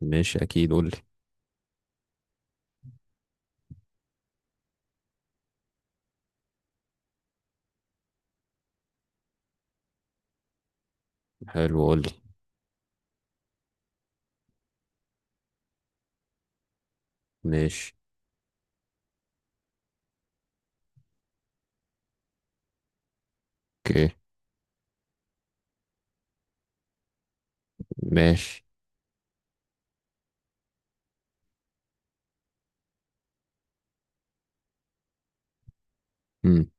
ماشي، اكيد قول لي. حلو قول لي. ماشي. اوكي. ماشي. مم.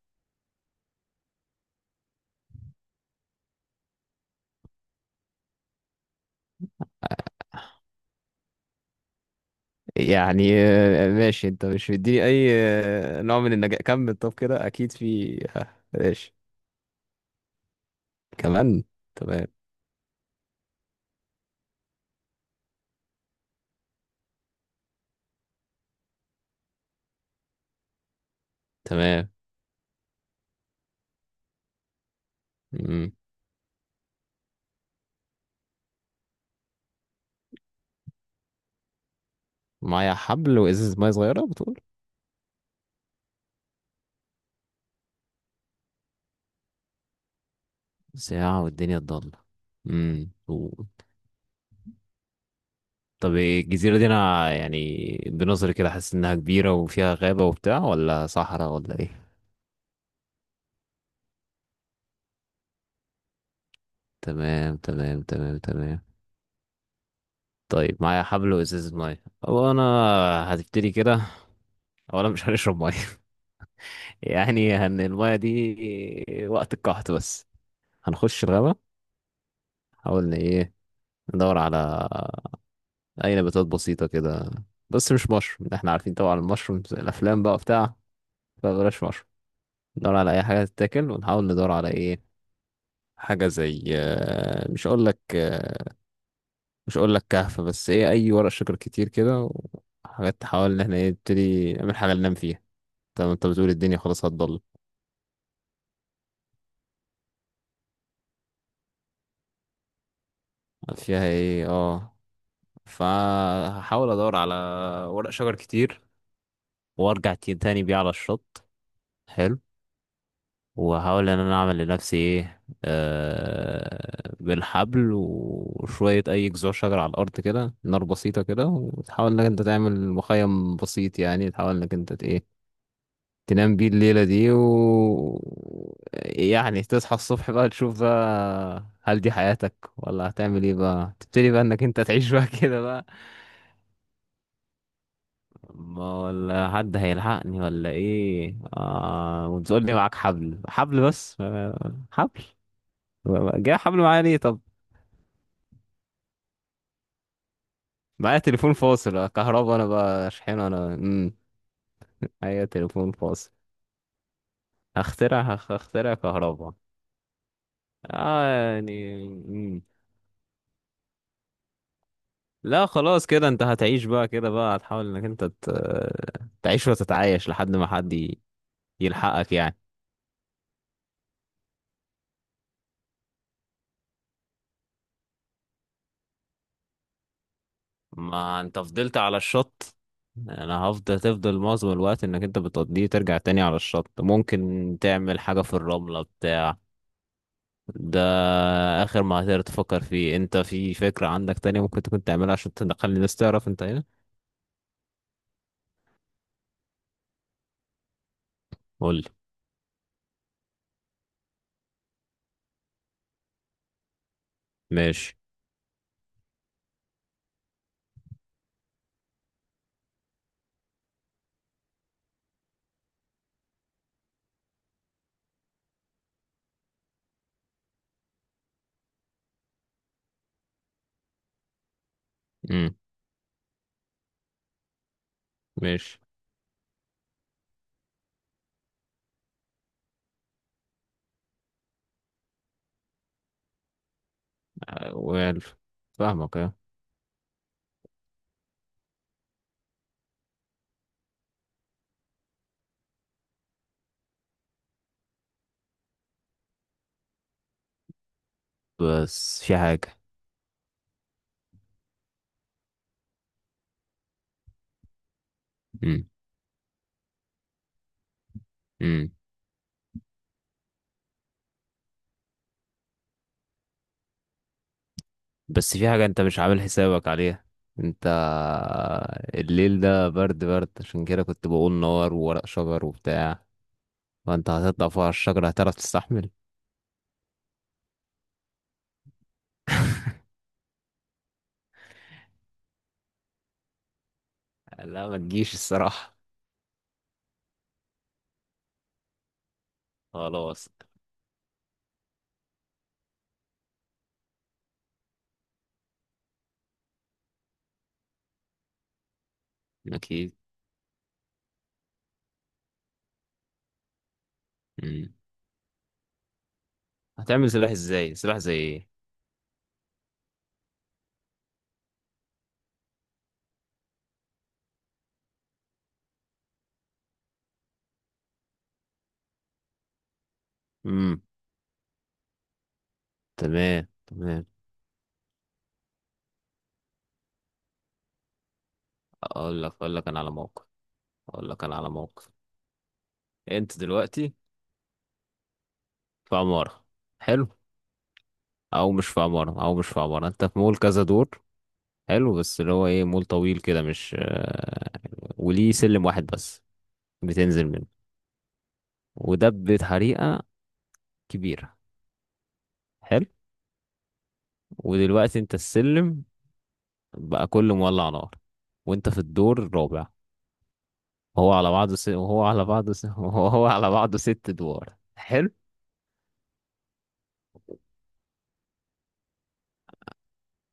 يعني ماشي، انت مش مديني اي نوع من النجاح. كمل، طب كده اكيد في ماشي. كمان. تمام تمام. مم. معايا حبل وازازة مية صغيرة بتقول؟ ساعة والدنيا ضلمة؟ امم و... طب الجزيرة دي انا يعني بنظري كده حاسس انها كبيرة وفيها غابة وبتاع، ولا صحراء ولا ايه؟ تمام تمام تمام تمام. طيب معايا حبل وازازة مية، هو انا هتبتدي كده؟ اولا مش هنشرب مية. يعني هن المية دي وقت القحط بس. هنخش الغابة، حاول إن ايه، ندور على اي نباتات بسيطة كده، بس مش مشروم، احنا عارفين طبعا المشروم في الافلام بقى بتاع، فبلاش مشروم. ندور على اي حاجة تتاكل، ونحاول ندور على ايه، حاجة زي مش اقول لك مش اقول لك كهف، بس ايه اي ورق شجر كتير كده وحاجات، تحاول ان احنا ايه نبتدي نعمل حاجة ننام فيها. طب انت بتقول الدنيا خلاص هتضل؟ فيها ايه، اه. فهحاول ادور على ورق شجر كتير، وارجع تاني بيه على الشط. حلو. وهحاول ان انا اعمل لنفسي ايه بالحبل وشوية اي جذوع شجر على الارض كده، نار بسيطة كده. وتحاول انك انت تعمل مخيم بسيط، يعني تحاول انك انت ايه، تنام بيه الليلة دي. و يعني تصحى الصبح بقى، تشوف بقى هل دي حياتك، ولا هتعمل ايه بقى، تبتدي بقى انك انت تعيش بقى كده بقى. ما ولا حد هيلحقني ولا ايه؟ وتقول لي معاك حبل، حبل بس، حبل. جاي حبل معايا ليه طب؟ معايا تليفون فاصل؟ كهربا انا بقى شحن انا، امم، معايا تليفون فاصل. هخترع كهربا. اه يعني. لا خلاص كده انت هتعيش بقى كده بقى، هتحاول انك انت تعيش وتتعايش لحد ما حد يلحقك يعني. ما انت فضلت على الشط. انا هفضل، تفضل معظم الوقت انك انت بتقضيه ترجع تاني على الشط. ممكن تعمل حاجة في الرملة بتاع ده، اخر ما هتقدر تفكر فيه. انت في فكرة عندك تانية ممكن تكون تعملها عشان تخلي الناس تعرف انت هنا؟ قولي. ماشي. امم. ماشي. ويل، فاهمك اه. بس في حاجة. امم. بس في حاجة انت مش عامل حسابك عليها. انت، الليل ده برد برد، عشان كده كنت بقول نار وورق شجر وبتاع. فانت هتطلع فوق على الشجرة هتعرف تستحمل؟ لا ما تجيش الصراحة. خلاص. اكيد. مم. هتعمل سلاح ازاي؟ سلاح زي ايه؟ امم. تمام تمام. اقول لك، اقول لك انا على موقف. اقول لك انا على موقف. انت دلوقتي في عمارة. حلو. او مش في عمارة، او مش في عمارة، انت في مول كذا دور. حلو، بس اللي هو ايه، مول طويل كده مش وليه سلم واحد بس بتنزل منه. وده بطريقة كبيرة. حلو. ودلوقتي انت السلم بقى كله مولع نار، وانت في الدور الرابع. وهو على وهو على بعضه ست ادوار. حلو.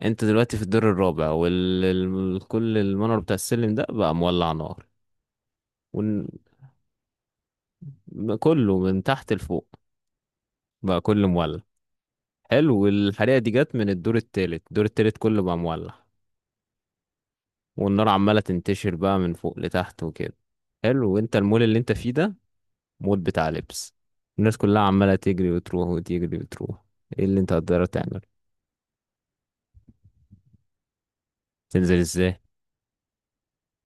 انت دلوقتي في الدور الرابع، وال ال- كل المنور بتاع السلم ده بقى مولع نار. وكله من تحت لفوق، بقى كله مولع. حلو. والحريقة دي جت من الدور التالت، الدور التالت كله بقى مولع. والنار عمالة تنتشر بقى من فوق لتحت وكده. حلو. وانت المول اللي انت فيه ده مول بتاع لبس. الناس كلها عمالة تجري وتروح وتجري وتروح. ايه اللي انت هتقدر تعمل؟ تنزل ازاي؟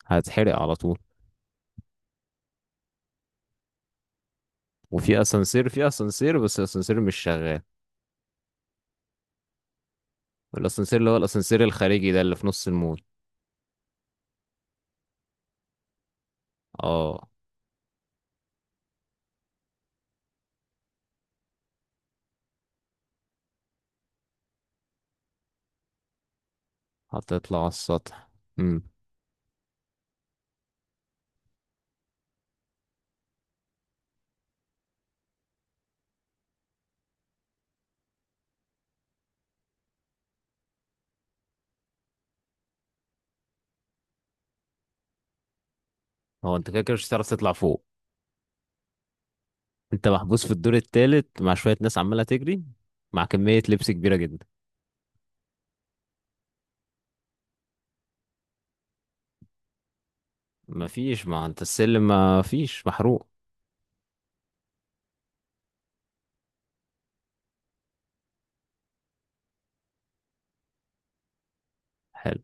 هتحرق على طول. وفي اسانسير، في اسانسير بس الاسانسير مش شغال، الاسانسير اللي هو الاسانسير الخارجي ده اللي في نص المول. اه. هتطلع على السطح؟ امم. هو انت كده كده مش هتعرف تطلع فوق. انت محبوس في الدور التالت مع شوية ناس عمالة تجري، مع كمية لبس كبيرة جدا. مفيش، ما انت السلم مفيش محروق. حلو.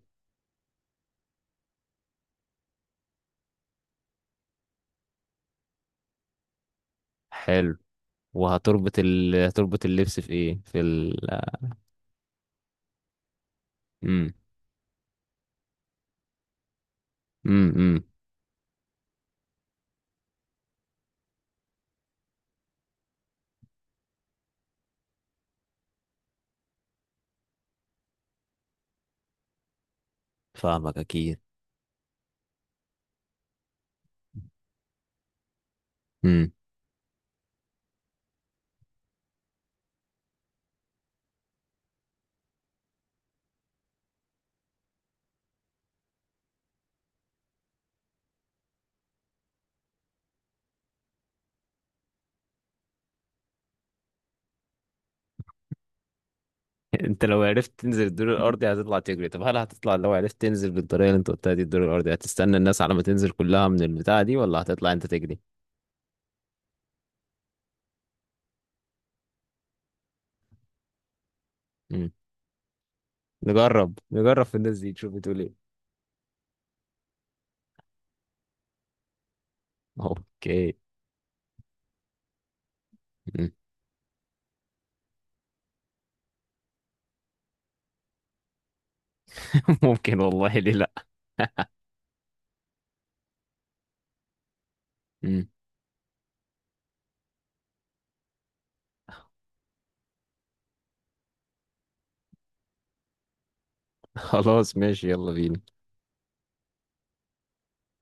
حلو. هتربط اللبس في ايه، في ال، امم، امم. امم. فاهمك اكيد. امم. انت لو عرفت تنزل الدور الارضي هتطلع تجري، طب هل هتطلع، لو عرفت تنزل بالطريقه اللي انت قلتها دي الدور الارضي، هتستنى الناس على ما تنزل كلها من البتاعه دي، ولا هتطلع انت تجري؟ امم. نجرب، نجرب في الناس دي تشوف بتقول ايه. اوكي. مم. ممكن والله، ليه لا. مم. خلاص ماشي يلا بينا.